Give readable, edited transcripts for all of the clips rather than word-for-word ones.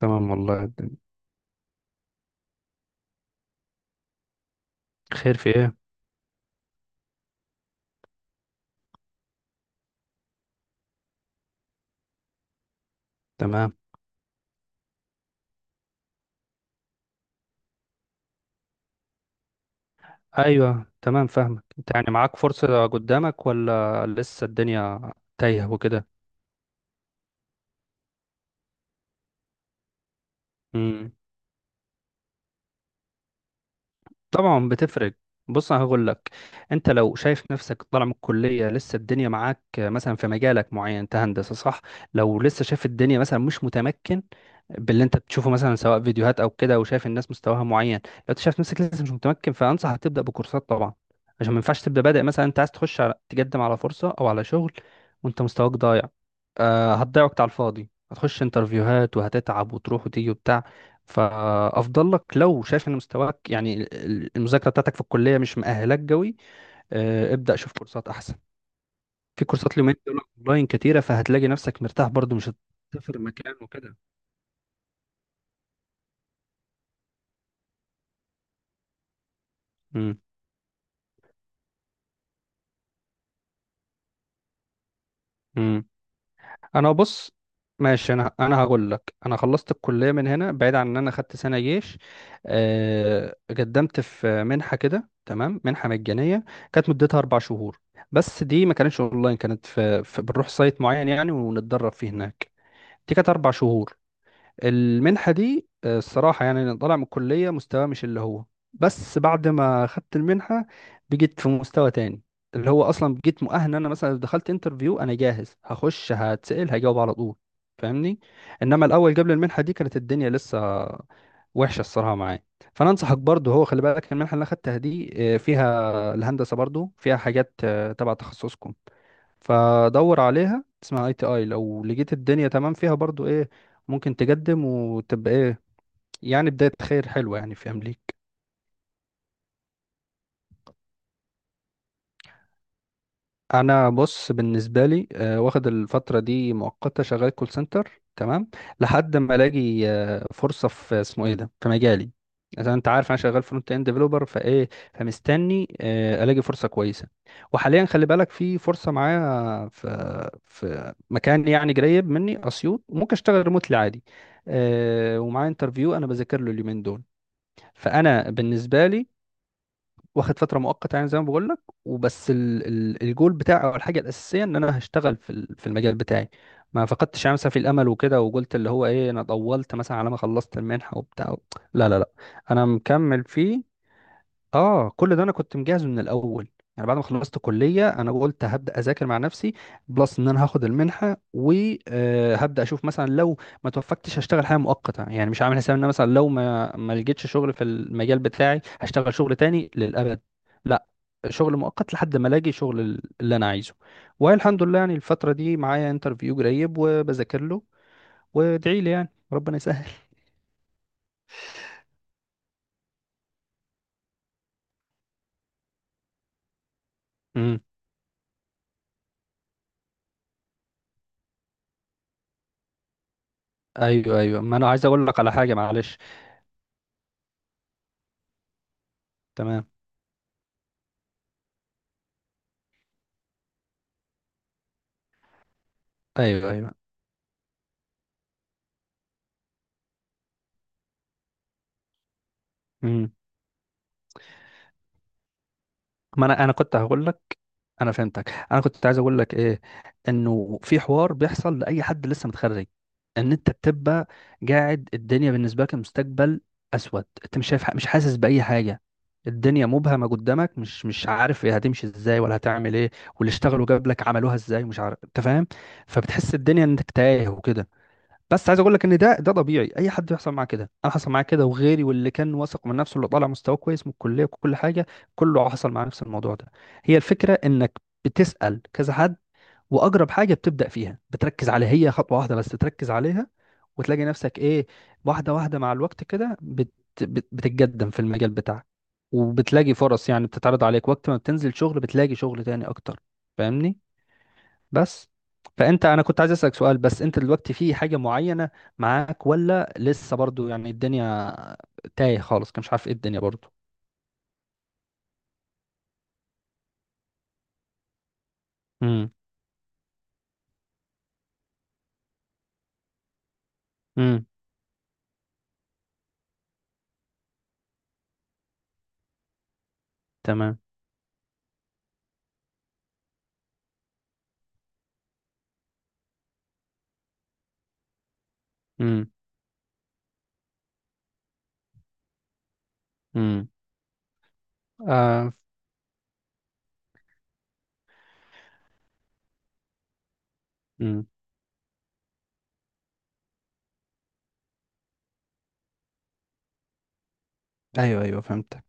تمام والله الدنيا. خير في ايه؟ تمام. ايوه، تمام، فاهمك. انت يعني معاك فرصة قدامك، ولا لسه الدنيا تايهة وكده؟ امم. طبعا بتفرق. بص انا هقول لك. انت لو شايف نفسك طالع من الكلية لسه الدنيا معاك مثلا في مجالك معين، انت هندسة صح؟ لو لسه شايف الدنيا مثلا مش متمكن باللي انت بتشوفه، مثلا سواء فيديوهات او كده، وشايف الناس مستواها معين، لو انت شايف نفسك لسه مش متمكن، فانصحك تبدا بكورسات طبعا. عشان ما ينفعش تبدا بادئ مثلا انت عايز تخش على تقدم على فرصه او على شغل وانت مستواك ضايع. هتضيع وقت على الفاضي، هتخش انترفيوهات وهتتعب وتروح وتيجي وبتاع. فافضل لك لو شايف ان مستواك يعني المذاكره بتاعتك في الكليه مش مؤهلاك قوي. ابدا شوف كورسات احسن. في كورسات اليومين دول اونلاين كتيره، فهتلاقي نفسك مرتاح برضو، مش هتسافر مكان وكده. امم انا بص. ماشي. انا هقول لك. انا خلصت الكليه من هنا، بعيد عن ان انا خدت سنه جيش. قدمت في منحه كده تمام، منحه مجانيه. كانت مدتها 4 شهور. بس دي ما كانتش اونلاين، كانت في بنروح سايت معين يعني ونتدرب فيه هناك. دي كانت 4 شهور. المنحة دي الصراحة يعني أنا طالع من الكلية مستواه مش اللي هو. بس بعد ما خدت المنحة بقيت في مستوى تاني، اللي هو أصلا بقيت مؤهل. أنا مثلا لو دخلت انترفيو أنا جاهز، هخش هتسأل هجاوب على طول. فاهمني؟ إنما الأول قبل المنحة دي كانت الدنيا لسه وحشة الصراحة معايا. فأنا أنصحك برضه، هو خلي بالك المنحة اللي أنا خدتها دي فيها الهندسة برضه، فيها حاجات تبع تخصصكم. فدور عليها، اسمها ITI، لو لقيت الدنيا تمام فيها برضو ايه ممكن تقدم وتبقى ايه. يعني بداية خير حلوة يعني في امريكا. انا بص بالنسبه لي واخد الفتره دي مؤقته، شغال كول سنتر تمام، لحد ما الاقي فرصه في اسمه ايه ده، في مجالي. عشان انت عارف انا شغال فرونت اند ديفلوبر فايه، فمستني الاقي فرصه كويسه. وحاليا خلي بالك في فرصه معايا في مكان، يعني قريب مني، اسيوط، وممكن اشتغل ريموتلي عادي. ومعايا انترفيو انا بذاكر له اليومين دول. فانا بالنسبه لي واخد فتره مؤقته يعني زي ما بقول لك. وبس ال ال الجول بتاعي او الحاجه الاساسيه ان انا هشتغل في في المجال بتاعي. ما فقدتش يعني مثلا في الامل وكده، وقلت اللي هو ايه انا طولت مثلا على ما خلصت المنحه وبتاع. لا لا لا، انا مكمل فيه. اه، كل ده انا كنت مجهز من الاول. يعني بعد ما خلصت كلية انا قلت هبدأ اذاكر مع نفسي، بلس ان انا هاخد المنحة، وهبدأ اشوف مثلا لو ما توفقتش هشتغل حاجة مؤقتة. يعني مش عامل حساب ان أنا مثلا لو ما لقيتش شغل في المجال بتاعي هشتغل شغل تاني للأبد. لا، شغل مؤقت لحد ما الاقي شغل اللي انا عايزه. والحمد لله يعني الفترة دي معايا انترفيو قريب وبذاكر له، وادعي لي يعني ربنا يسهل. امم ايوه، ايوه، ما انا عايز اقول لك على حاجة، معلش. تمام. ايوه، ايوه. مم. ما انا كنت هقول لك. انا فهمتك. انا كنت عايز اقول لك ايه، انه في حوار بيحصل لاي حد لسه متخرج. ان انت بتبقى قاعد الدنيا بالنسبه لك المستقبل اسود، انت مش شايف، مش حاسس باي حاجه. الدنيا مبهمه قدامك، مش عارف هي هتمشي ازاي ولا هتعمل ايه. واللي اشتغلوا قبلك عملوها ازاي مش عارف، انت فاهم. فبتحس الدنيا انك تايه وكده. بس عايز اقول لك ان ده طبيعي، اي حد يحصل معاه كده. انا حصل معايا كده وغيري، واللي كان واثق من نفسه اللي طالع مستواه كويس من الكليه وكل حاجه، كله حصل معاه نفس الموضوع ده. هي الفكره انك بتسال كذا حد، واقرب حاجه بتبدا فيها بتركز عليها، هي خطوه واحده بس تركز عليها وتلاقي نفسك ايه، واحده واحده مع الوقت كده بتتقدم في المجال بتاعك. وبتلاقي فرص يعني بتتعرض عليك، وقت ما بتنزل شغل بتلاقي شغل تاني اكتر. فاهمني؟ بس انا كنت عايز اسالك سؤال، بس انت دلوقتي في حاجه معينه معاك، ولا لسه برضو يعني الدنيا تايه خالص كان مش عارف ايه الدنيا برضو؟ امم. امم. تمام. امم. امم. آه. امم. ايوه، ايوه، فهمتك.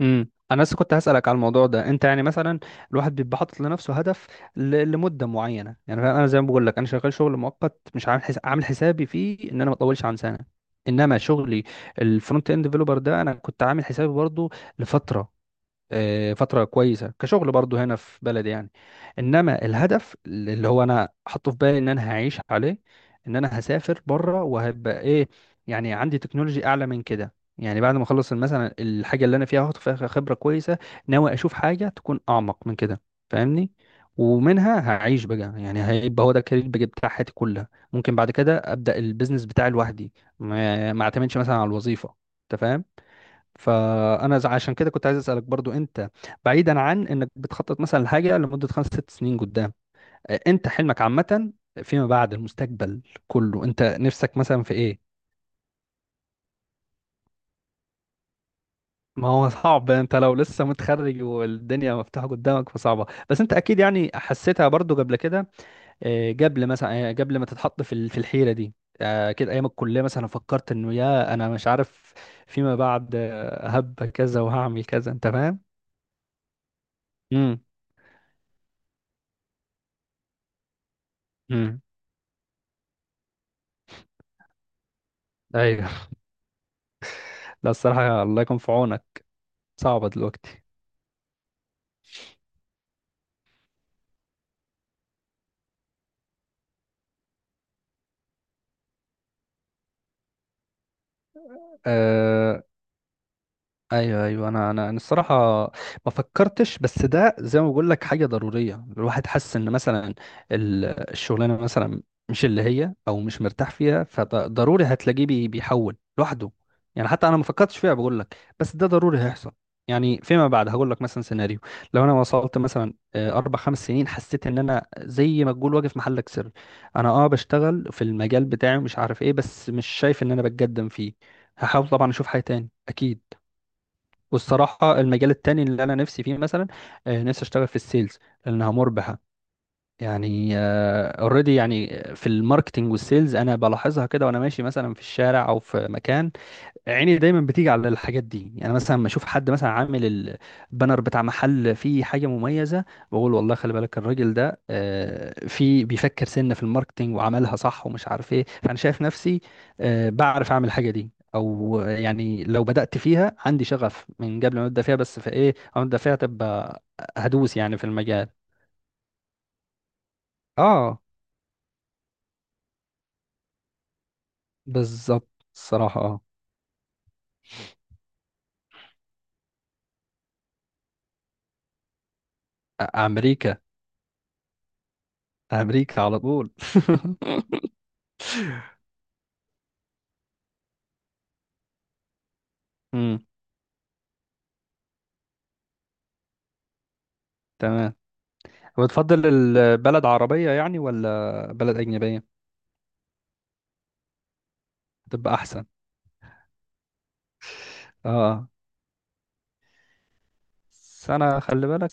امم. انا لسه كنت هسالك على الموضوع ده. انت يعني مثلا الواحد بيبقى حاطط لنفسه هدف لمده معينه، يعني فاهم؟ انا زي ما بقول لك، انا شغال شغل مؤقت مش عامل عامل حسابي فيه ان انا ما اطولش عن سنه. انما شغلي الفرونت اند ديفلوبر ده انا كنت عامل حسابي برضو لفتره، فترة كويسة كشغل برضو هنا في بلدي يعني. انما الهدف اللي هو انا حاطه في بالي ان انا هعيش عليه، ان انا هسافر بره وهبقى ايه، يعني عندي تكنولوجي اعلى من كده. يعني بعد ما اخلص مثلا الحاجة اللي انا فيها هاخد فيها خبرة كويسة، ناوي اشوف حاجة تكون اعمق من كده. فاهمني؟ ومنها هعيش بقى، يعني هيبقى هو ده الكارير بقى بتاع حياتي كلها. ممكن بعد كده ابدا البيزنس بتاعي لوحدي، ما اعتمدش مثلا على الوظيفة. انت فاهم. فانا عشان كده كنت عايز اسالك برضو انت، بعيدا عن انك بتخطط مثلا لحاجه لمده خمس ست سنين قدام، انت حلمك عامه فيما بعد، المستقبل كله، انت نفسك مثلا في ايه؟ ما هو صعب. انت لو لسه متخرج والدنيا مفتوحه قدامك فصعبه، بس انت اكيد يعني حسيتها برضو قبل كده. قبل مثلا، قبل ما تتحط في في الحيره دي، كده ايام الكليه مثلا، فكرت انه يا انا مش عارف فيما بعد هبقى كذا وهعمل كذا، انت فاهم. امم. امم. ايوه. لا الصراحة الله يكون في عونك، صعبة دلوقتي. أه، ايوه، ايوه. انا الصراحه ما فكرتش. بس ده زي ما بقول لك حاجه ضروريه، الواحد حس ان مثلا ال- الشغلانه مثلا مش اللي هي او مش مرتاح فيها، فضروري هتلاقيه بيحول لوحده. يعني حتى انا ما فكرتش فيها بقول لك، بس ده ضروري هيحصل. يعني فيما بعد هقول لك مثلا سيناريو، لو انا وصلت مثلا اربع خمس سنين، حسيت ان انا زي ما تقول واقف محلك سر. انا بشتغل في المجال بتاعي ومش عارف ايه، بس مش شايف ان انا بتقدم فيه. هحاول طبعا اشوف حاجه تاني اكيد. والصراحة المجال التاني اللي أنا نفسي فيه مثلا، نفسي أشتغل في السيلز، لأنها مربحة، يعني اوريدي يعني في الماركتينج والسيلز. أنا بلاحظها كده وأنا ماشي مثلا في الشارع أو في مكان، عيني دايما بتيجي على الحاجات دي، يعني مثلا لما اشوف حد مثلا عامل البانر بتاع محل فيه حاجه مميزه، بقول والله خلي بالك الراجل ده في بيفكر سنه في الماركتينج وعملها صح ومش عارف ايه. فانا شايف نفسي بعرف اعمل الحاجه دي، او يعني لو بدات فيها عندي شغف من قبل ما ابدا فيها. بس فايه او ابدا فيها، تبقى هدوس يعني في المجال. اه، بالظبط الصراحه اه. امريكا. امريكا على طول امم. تمام. هو تفضل البلد عربية يعني ولا بلد أجنبية تبقى أحسن؟ اه بس أنا خلي بالك.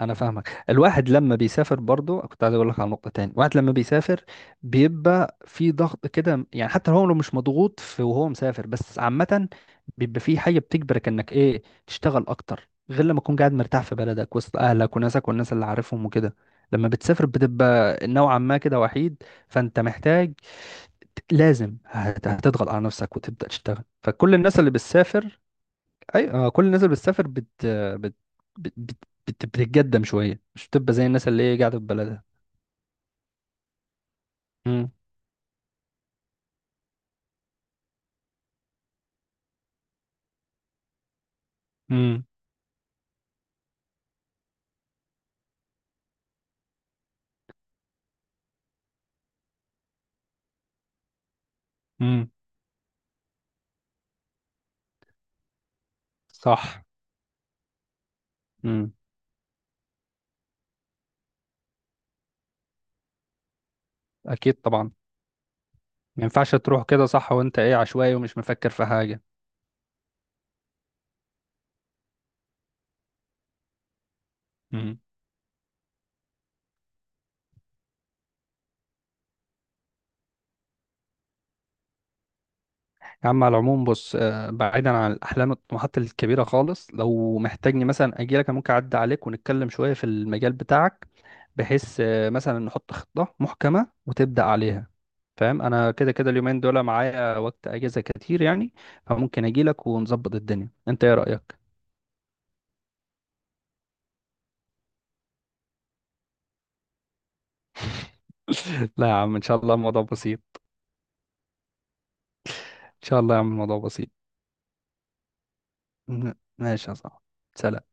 أنا فاهمك، الواحد لما بيسافر برضو. كنت عايز أقول لك على نقطة تاني، الواحد لما بيسافر بيبقى في ضغط كده، يعني حتى هو لو مش مضغوط في وهو مسافر بس عامة بيبقى في حاجة بتجبرك إنك إيه، تشتغل أكتر غير لما تكون قاعد مرتاح في بلدك وسط أهلك وناسك والناس اللي عارفهم وكده. لما بتسافر بتبقى نوعا ما كده وحيد، فأنت محتاج، لازم هتضغط على نفسك وتبدأ تشتغل. فكل الناس اللي بتسافر اي آه، كل الناس اللي بتسافر بت بت بت بتتقدم شوية، مش بتبقى زي الناس اللي هي قاعدة في بلدها. امم. امم. امم. صح. امم. اكيد طبعا. ما ينفعش تروح كده صح وانت ايه عشوائي ومش مفكر في حاجة. يا عم على العموم بص، بعيدا عن الاحلام والطموحات الكبيره خالص، لو محتاجني مثلا اجي لك أنا ممكن اعدي عليك ونتكلم شويه في المجال بتاعك، بحيث مثلا نحط خطه محكمه وتبدا عليها. فاهم، انا كده كده اليومين دول معايا وقت اجازه كتير يعني، فممكن اجي لك ونظبط الدنيا، انت ايه رايك؟ لا يا عم ان شاء الله الموضوع بسيط. ان شاء الله يا عم الموضوع بسيط. ماشي يا صاحبي. سلام